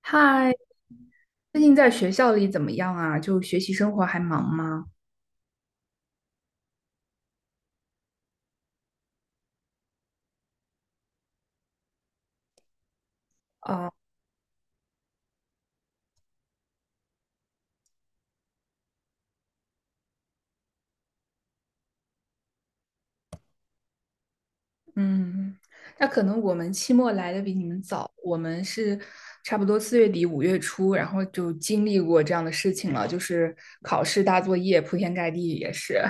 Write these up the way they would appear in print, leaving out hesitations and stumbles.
嗨，最近在学校里怎么样啊？就学习生活还忙吗？啊，嗯，那可能我们期末来的比你们早，我们是差不多4月底5月初，然后就经历过这样的事情了，就是考试大作业铺天盖地也是。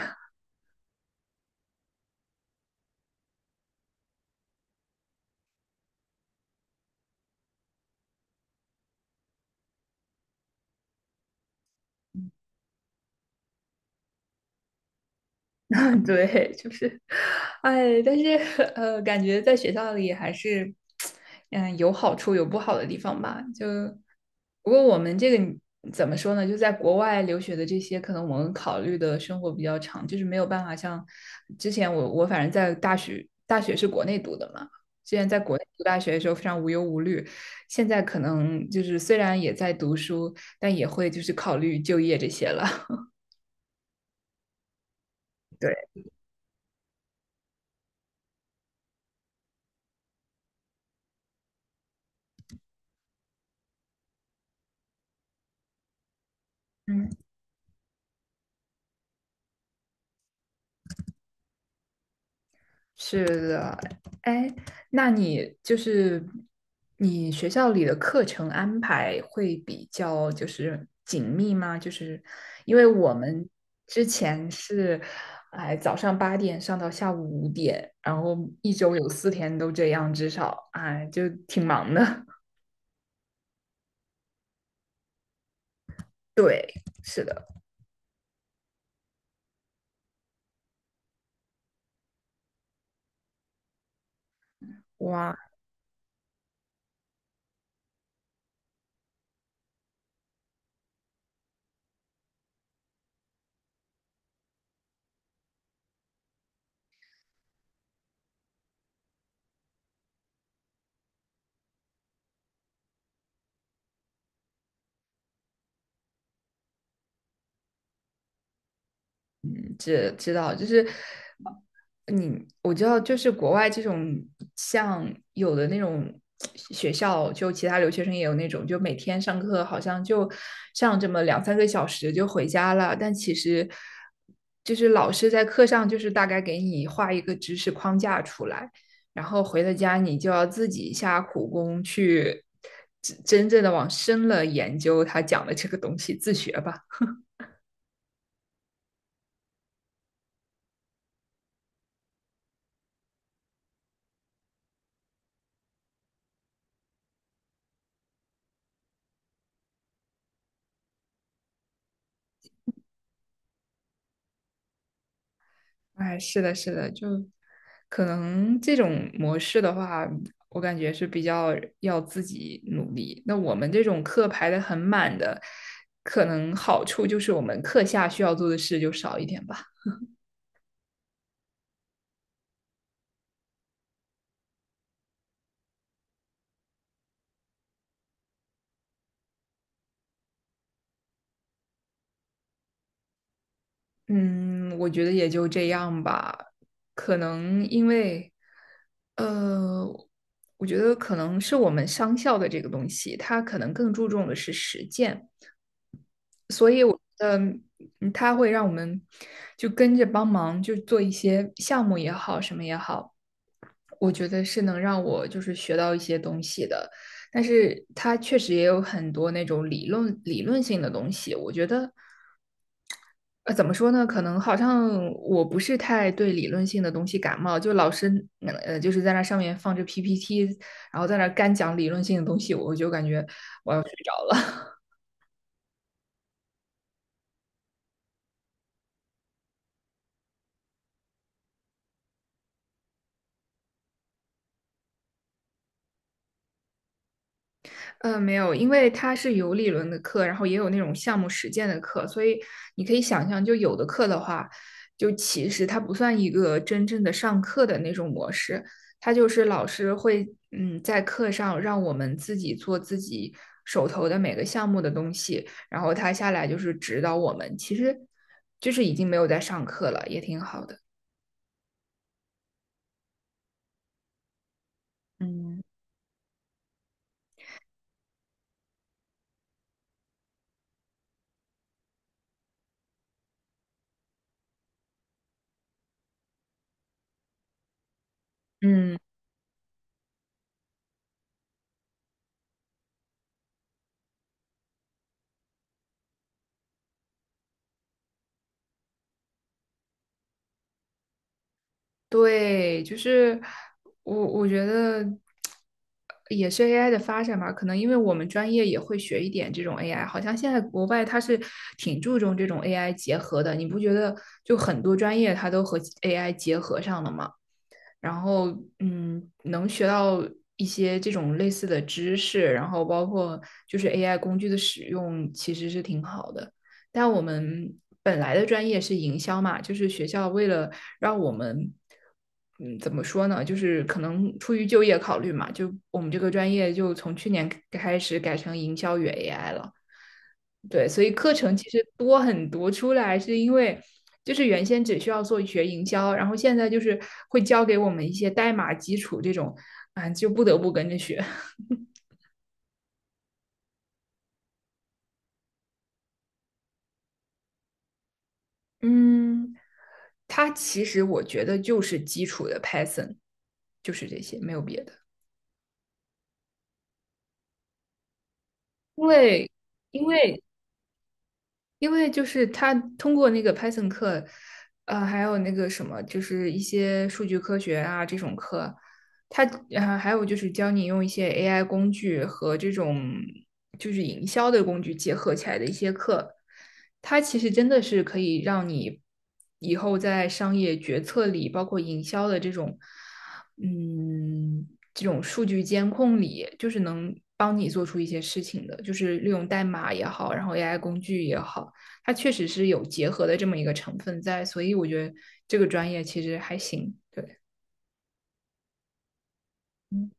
对，就是，哎，但是感觉在学校里还是，有好处有不好的地方吧。就不过我们这个怎么说呢？就在国外留学的这些，可能我们考虑的生活比较长，就是没有办法像之前我反正在大学是国内读的嘛，之前在国内读大学的时候非常无忧无虑，现在可能就是虽然也在读书，但也会就是考虑就业这些了。对，嗯。是的，哎，那你就是你学校里的课程安排会比较就是紧密吗？就是因为我们之前是，哎，早上8点上到下午5点，然后一周有4天都这样，至少，哎，就挺忙的。对，是的，哇，嗯，知道，就是你我知道，就是国外这种像有的那种学校，就其他留学生也有那种，就每天上课好像就上这么两三个小时就回家了，但其实就是老师在课上就是大概给你画一个知识框架出来，然后回了家你就要自己下苦功去真正的往深了研究他讲的这个东西，自学吧。哎，是的，是的，就可能这种模式的话，我感觉是比较要自己努力。那我们这种课排的很满的，可能好处就是我们课下需要做的事就少一点吧。嗯，我觉得也就这样吧。可能因为，呃，我觉得可能是我们商校的这个东西，它可能更注重的是实践。呃它会让我们就跟着帮忙，就做一些项目也好，什么也好。我觉得是能让我就是学到一些东西的，但是它确实也有很多那种理论性的东西。我觉得怎么说呢？可能好像我不是太对理论性的东西感冒，就老师就是在那上面放着 PPT，然后在那干讲理论性的东西，我就感觉我要睡着了。没有，因为它是有理论的课，然后也有那种项目实践的课，所以你可以想象，就有的课的话，就其实它不算一个真正的上课的那种模式，它就是老师会在课上让我们自己做自己手头的每个项目的东西，然后他下来就是指导我们，其实就是已经没有在上课了，也挺好的。嗯，嗯。对，就是我觉得也是 AI 的发展吧，可能因为我们专业也会学一点这种 AI，好像现在国外它是挺注重这种 AI 结合的，你不觉得就很多专业它都和 AI 结合上了吗？然后能学到一些这种类似的知识，然后包括就是 AI 工具的使用，其实是挺好的。但我们本来的专业是营销嘛，就是学校为了让我们，怎么说呢，就是可能出于就业考虑嘛，就我们这个专业就从去年开始改成营销与 AI 了。对，所以课程其实多很多，出来是因为就是原先只需要做学营销，然后现在就是会教给我们一些代码基础这种，啊，就不得不跟着学。嗯 它其实我觉得就是基础的 Python，就是这些，没有别的。因为因为因为就是他通过那个 Python 课，还有那个什么，就是一些数据科学啊这种课，他还有就是教你用一些 AI 工具和这种就是营销的工具结合起来的一些课，它其实真的是可以让你以后在商业决策里，包括营销的这种，嗯，这种数据监控里，就是能帮你做出一些事情的，就是利用代码也好，然后 AI 工具也好，它确实是有结合的这么一个成分在，所以我觉得这个专业其实还行。对，嗯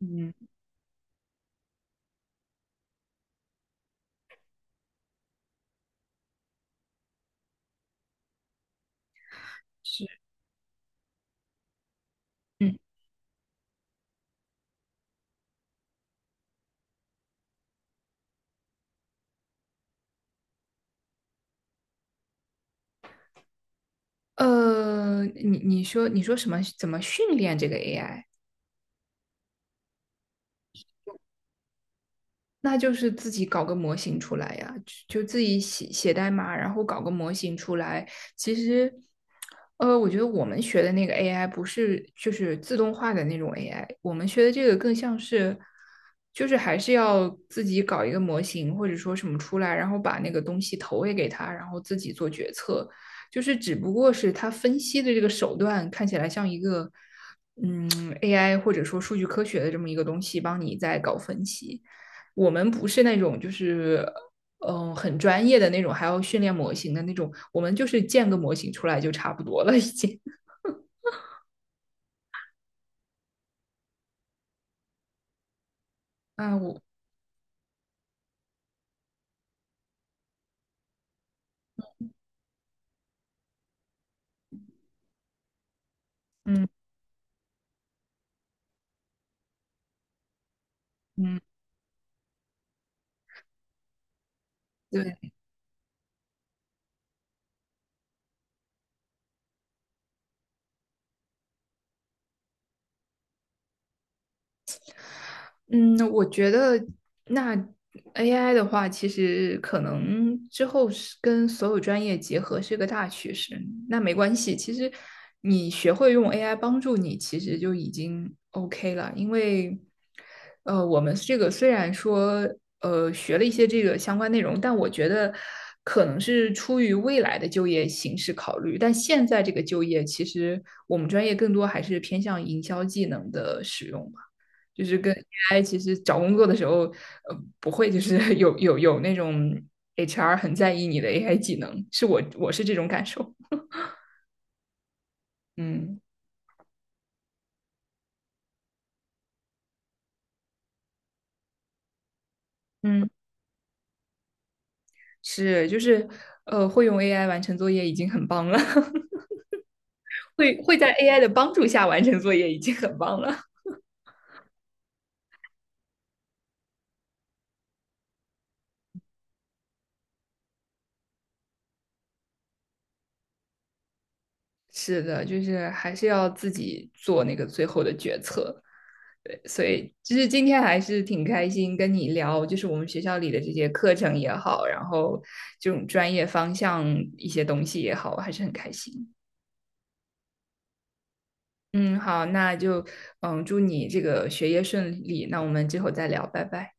嗯是。嗯，你说什么？怎么训练这个 AI？那就是自己搞个模型出来呀，就自己写写代码，然后搞个模型出来。其实，我觉得我们学的那个 AI 不是就是自动化的那种 AI，我们学的这个更像是，就是还是要自己搞一个模型或者说什么出来，然后把那个东西投喂给他，然后自己做决策。就是只不过是他分析的这个手段看起来像一个，嗯，AI 或者说数据科学的这么一个东西，帮你在搞分析。我们不是那种就是很专业的那种，还要训练模型的那种，我们就是建个模型出来就差不多了，已经。啊，我嗯嗯，对。嗯，我觉得那 AI 的话，其实可能之后是跟所有专业结合是个大趋势。那没关系，其实你学会用 AI 帮助你，其实就已经 OK 了。因为，我们这个虽然说学了一些这个相关内容，但我觉得可能是出于未来的就业形势考虑。但现在这个就业，其实我们专业更多还是偏向营销技能的使用。就是跟 AI 其实找工作的时候，不会就是 有那种 HR 很在意你的 AI 技能，是我是这种感受。嗯嗯，是就是会用 AI 完成作业已经很棒了，会在 AI 的帮助下完成作业已经很棒了。是的，就是还是要自己做那个最后的决策。对，所以就是今天还是挺开心跟你聊，就是我们学校里的这些课程也好，然后这种专业方向一些东西也好，我还是很开心。嗯，好，那就祝你这个学业顺利。那我们之后再聊，拜拜。